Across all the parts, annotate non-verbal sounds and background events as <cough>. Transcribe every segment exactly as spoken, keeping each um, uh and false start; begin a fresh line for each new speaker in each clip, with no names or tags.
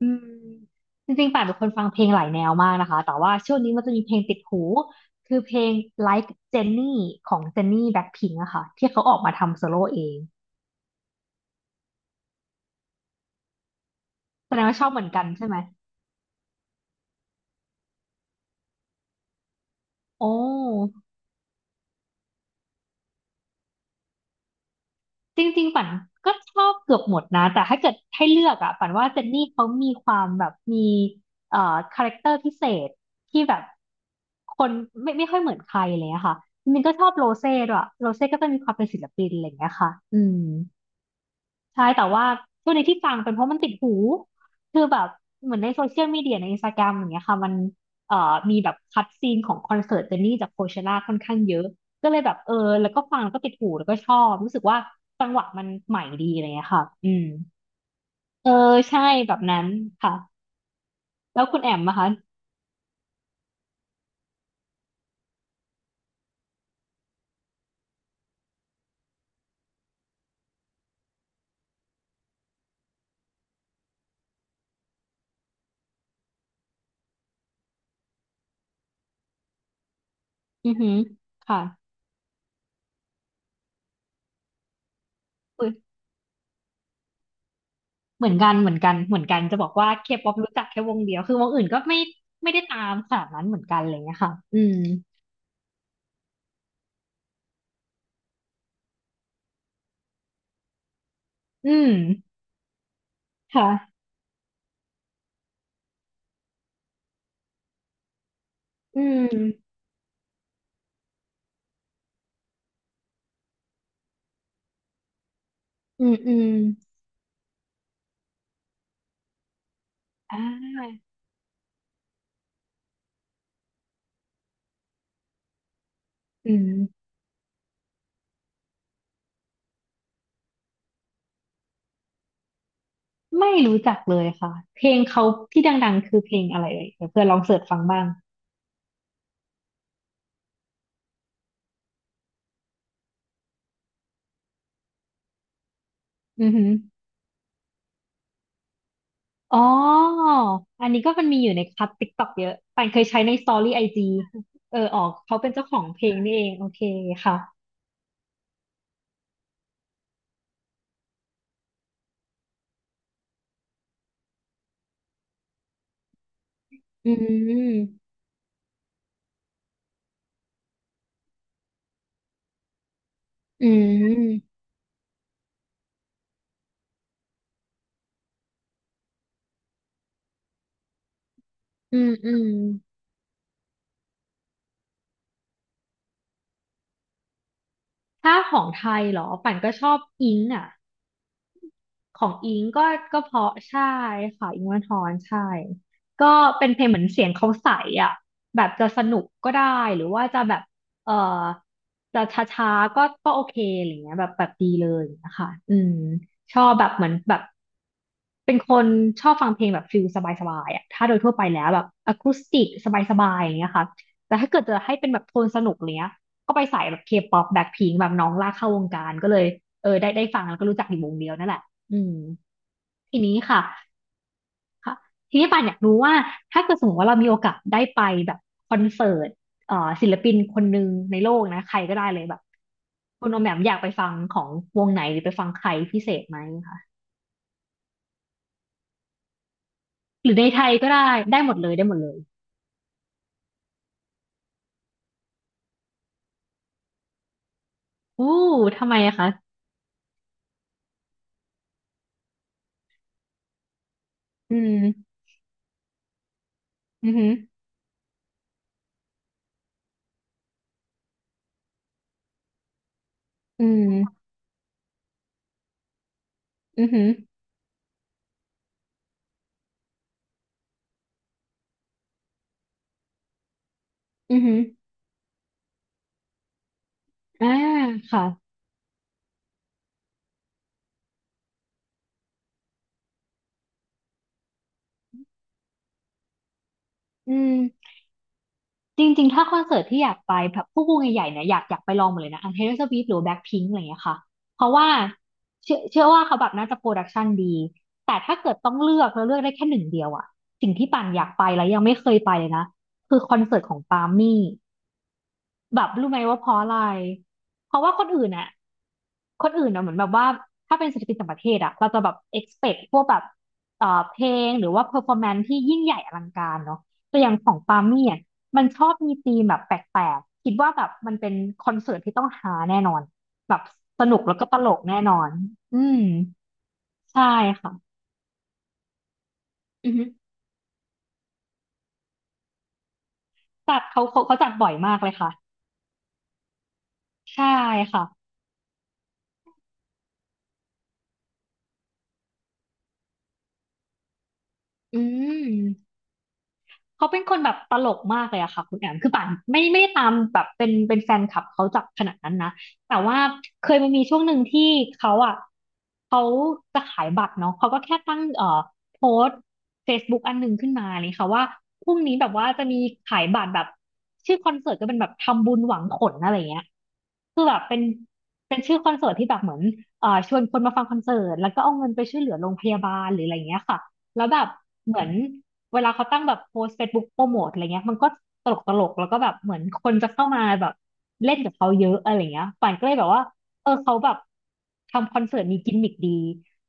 อืมจริงๆป่านเป็นคนฟังเพลงหลายแนวมากนะคะแต่ว่าช่วงนี้มันจะมีเพลงติดหูคือเพลง Like Jenny ของ Jenny Blackpink อะค่ะที่เขาออกมาทำโซโล่เองแสดงว่าชอบเหมือนกันใช่ไหมโอ้จริงๆป่านก็ชอบเกือบหมดนะแต่ถ้าเกิดให้เลือกอะป่านว่าเจนนี่เขามีความแบบมีเอ่อคาแรคเตอร์พิเศษที่แบบคนไม่ไม่ค่อยเหมือนใครเลยอะค่ะจริงๆก็ชอบโรเซ่ด้วยโรเซ่ก็จะมีความเป็นศิลปินอะไรอย่างเงี้ยค่ะอืม ใช่แต่ว่าตัวนี้ที่ฟังเป็นเพราะมันติดหูคือแบบเหมือนในโซเชียลมีเดียในอินสตาแกรมอย่างเงี้ยค่ะมันเอ่อมีแบบคัดซีนของคอนเสิร์ตเจนนี่จากโคเชล่าค่อนข้างเยอะก็เลยแบบเออแล้วก็ฟังแล้วก็ติดหูแล้วก็ชอบรู้สึกว่าจังหวะมันใหม่ดีอะไรเงี้ยค่ะอืมเออใช่แบบนั้นค่ะแล้วคุณแอมนะคะอือหือค่ะอุ๊ยเหมือนกันเหมือนกันเหมือนกันจะบอกว่าเคป๊อปรู้จักแค่วงเดียวคือวงอื่นก็ไม่ไม่ได้ตามขนาดนั้นเหมือนกันอะไรเลย้ะค่ะอืมอืมค่ะ อืมอืมอืมอ่าอืมไม่รู้จักเลยค่ะ เพลงเขาที่ดังๆคือเพลงอะไรเอ่ยเดี๋ยวเพื่อนลองเสิร์ชฟังบ้างอือหืออ๋ออันนี้ก็มันมีอยู่ในคัทติ๊กต็อกเยอะปานเคยใช้ในสตอรี่ไอจีเออออกเขาเป็นเจ้าของเพลงนี่เอง โอเคค่ะอืมอืมอืมอืมถ้าของไทยเหรอป่านก็ชอบอิงอ่ะ ของอิงก็ก็เพราะใช่ค่ะอิงค์วันทอนใช่ก็เป็นเพลงเหมือนเสียงเขาใสอ่ะแบบจะสนุกก็ได้หรือว่าจะแบบเออจะช้าๆก็ก็โอเคอะไรเงี้ยแบบแบบดีเลยนะคะอืมชอบแบบเหมือนแบบเป็นคนชอบฟังเพลงแบบฟิลสบายๆอ่ะถ้าโดยทั่วไปแล้วแบบอะคูสติกสบายๆอย่างเงี้ยค่ะแต่ถ้าเกิดจะให้เป็นแบบโทนสนุกอะไรเนี้ยก็ไปใส่แบบเคป๊อปแบ็คพิงแบบน้องลากเข้าวงการก็เลยเออได้ได้ฟังแล้วก็รู้จักอยู่วงเดียวนั่นแหละ อืมทีนี้ค่ะค่ะทีนี้ปานอยากรู้ว่าถ้าเกิดสมมติว่าเรามีโอกาสได้ไปแบบคอนเสิร์ตเอ่อศิลปินคนหนึ่งในโลกนะใครก็ได้เลยแบบคุณโอมแหม่มอยากไปฟังของวงไหนหรือไปฟังใครพิเศษไหมคะหรือในไทยก็ได้ได้หมดเลยได้หมดเลยอู้ทำไมอะคะอืมอือหืออืมอือหืออือหืออ่าค่ะอืม จริงๆ ถ้าคอนเสิร์ตที่อยากไปแบบพวกวงใหญ่ๆเนี่ยอยากอยากไปลองหมดเลยนะอันเท o อร์สว f t หรือแบ็คพิงอะไรอย่างเงี้ยค่ะเพราะว่าเชื่อเชื่อว่าเขาแบบน่าจะโปรดักชันดีแต่ถ้าเกิดต้องเลือกแล้วเลือกได้แค่หนึ่งเดียวอะสิ่งที่ป่านอยากไปแล้วยังไม่เคยไปเลยนะคือคอนเสิร์ตของปามี่ แบบรู้ไหมว่าเพราะอะไร เพราะว่าคนอื่นอะคนอื่นอะเหมือนแบบว่าถ้าเป็นศิลปินต่างประเทศอะเราจะแบบ expect พวกแบบเอ่อเพลงหรือว่า performance ที่ยิ่งใหญ่อลังการเนาะแต่อย่างของปามี่อะมันชอบมีธีมแบบแปลกๆคิดว่าแบบมันเป็นคอนเสิร์ตที่ต้องฮาแน่นอนแบบสนุกแล้วก็ตลกแน่นอนอืมใช่ค่ะอือฮึจัดเขาเขาเขาจัดบ่อยมากเลยค่ะใช่ค่ะอืม เขาเป็นคนแบบตลกมากเลยอะค่ะคุณแอมคือป่านไม่ไม่ได้ตามแบบเป็นเป็นแฟนคลับเขาจับขนาดนั้นนะแต่ว่าเคยมันมีช่วงหนึ่งที่เขาอะเขาจะขายบัตรเนาะเขาก็แค่ตั้งเอ่อโพสต์ Facebook อันหนึ่งขึ้นมาเลยค่ะว่าพรุ่งนี้แบบว่าจะมีขายบัตรแบบชื่อคอนเสิร์ตก็เป็นแบบทำบุญหวังผลอะไรเงี้ยคือแบบเป็นเป็นชื่อคอนเสิร์ตที่แบบเหมือนเอ่อชวนคนมาฟังคอนเสิร์ตแล้วก็เอาเงินไปช่วยเหลือโรงพยาบาลหรืออะไรเงี้ยค่ะแล้วแบบเหมือน เวลาเขาตั้งแบบโพสเฟซบุ๊กโปรโมทอะไรเงี้ยมันก็ตลกตลกแล้วก็แบบเหมือนคนจะเข้ามาแบบเล่นกับเขาเยอะอะไรเงี้ยป่านก็เลยแบบว่าเออเขาแบบทำคอนเสิร์ตมีกิมมิคดี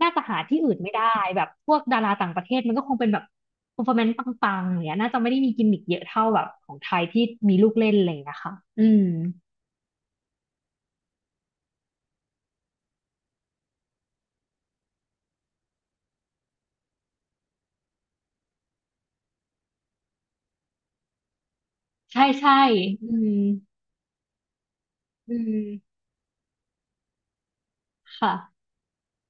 น่าจะหาที่อื่นไม่ได้แบบพวกดาราต่างประเทศมันก็คงเป็นแบบเ e อร์ฟอร์แมนซ์ปังๆอย่างเงี้ยน่าจะไม่ได้มีกิมมิคเยอะเท่าแบบของไทยที่มีลูกเล่นอะไรอย่างเลยนะคะอืมใช่ใช่อืมอืมค่ะ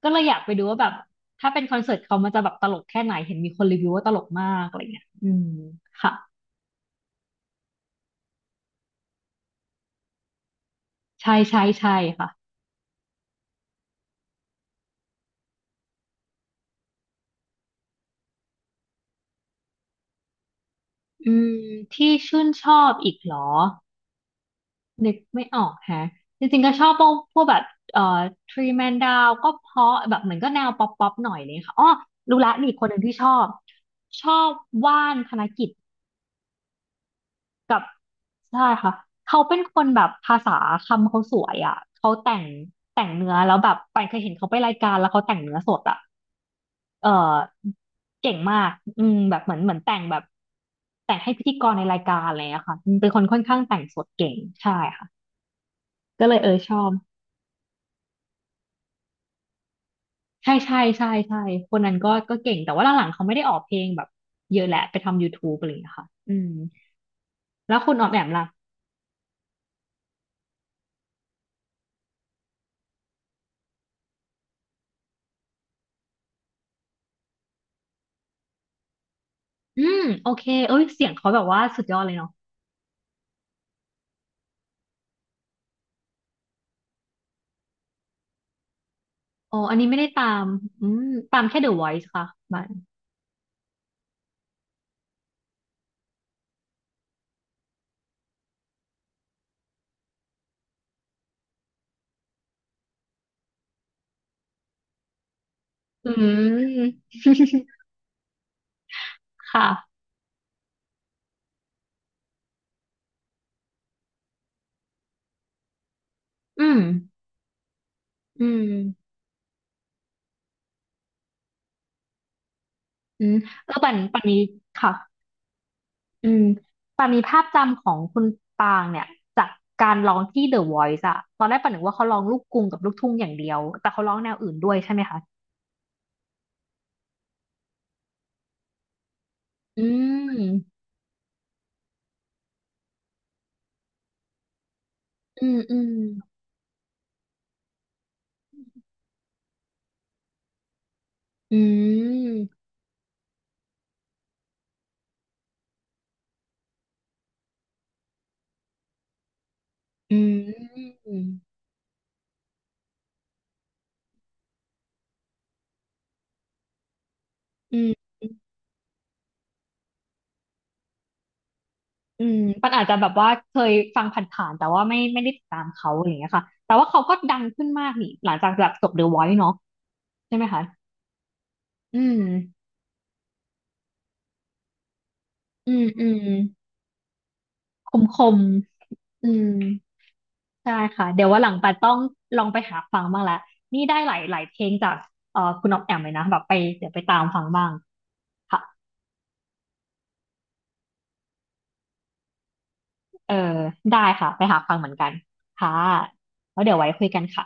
ก็เลยอยากไปดูว่าแบบถ้าเป็นคอนเสิร์ตเขามันจะแบบตลกแค่ไหนเห็นมีคนรีวิวว่าตลกมากอะไรเงี้ยอืมค่ะใช่ใช่ใช่ค่ะอืมที่ชื่นชอบอีกเหรอนึกไม่ออกแฮะจริงๆก็ชอบพวกพวกแบบเอ่อทรีแมนดาวก็เพราะแบบเหมือนก็แนวป๊อปป๊อปหน่อยเลยค่ะอ๋อรู้ละมีอีกคนหนึ่งที่ชอบชอบว่านธนกิจ กับใช่ค่ะเขาเป็นคนแบบภาษาคำเขาสวยอ่ะเขาแต่งแต่งเนื้อแล้วแบบไปานเคยเห็นเขาไปรายการแล้วเขาแต่งเนื้อสดอ่ะเออเก่งมากอืมแบบเหมือนเหมือนแต่งแบบแต่งให้พิธีกรในรายการอะไรอะค่ะอืมเป็นคนค่อนข้างแต่งสดเก่งใช่ค่ะก็เลยเออชอบใช่ใช่ใช่ใช่คนนั้นก็ก็เก่งแต่ว่าหลังๆเขาไม่ได้ออกเพลงแบบเยอะแหละไปทำ YouTube อะไรอย่างเงี้ยค่ะอืมแล้วคุณออมแอมล่ะอืมโอเคเอ้ยเสียงเขาแบบว่าสุดยอดเลยเนาะ อ๋ออันนี้ไม่ได้ตามอืมตามแค่ The Voice ค่ะบันอืม <laughs> ค่ะอืมอืมอืมเออปันปันมีค่ะอืมปันมีภาพจำของคุณปางเนี่ย จากการร้องที่ The Voice อะตอนแรกปันนึกว่าเขาร้องลูกกรุงกับลูกทุ่งอย่างเดียว แต่เขาร้องแนวอื่นด้วยใช่ไหมคะ อืมอืมอืมอืมอืมอืม อืมปันอาจจะแบบว่าเคยฟังผ่านๆแต่ว่าไม่ไม่ได้ติดตามเขาอะไรอย่างเงี้ยค่ะแต่ว่าเขาก็ดังขึ้นมากนี่หลังจากแบบจบ The Voice เนาะใช่ไหมคะอืมอืมอืมคมคมอืมใช่ค่ะเดี๋ยวว่าหลังปันต้องลองไปหาฟังบ้างละนี่ได้หลายหลายเพลงจากเอ่อคุณอ๊อฟแอมเลยนะแบบไปเดี๋ยวไปตามฟังบ้างค่ะเออได้ค่ะไปหาฟังเหมือนกันค่ะแล้วเดี๋ยวไว้คุยกันค่ะ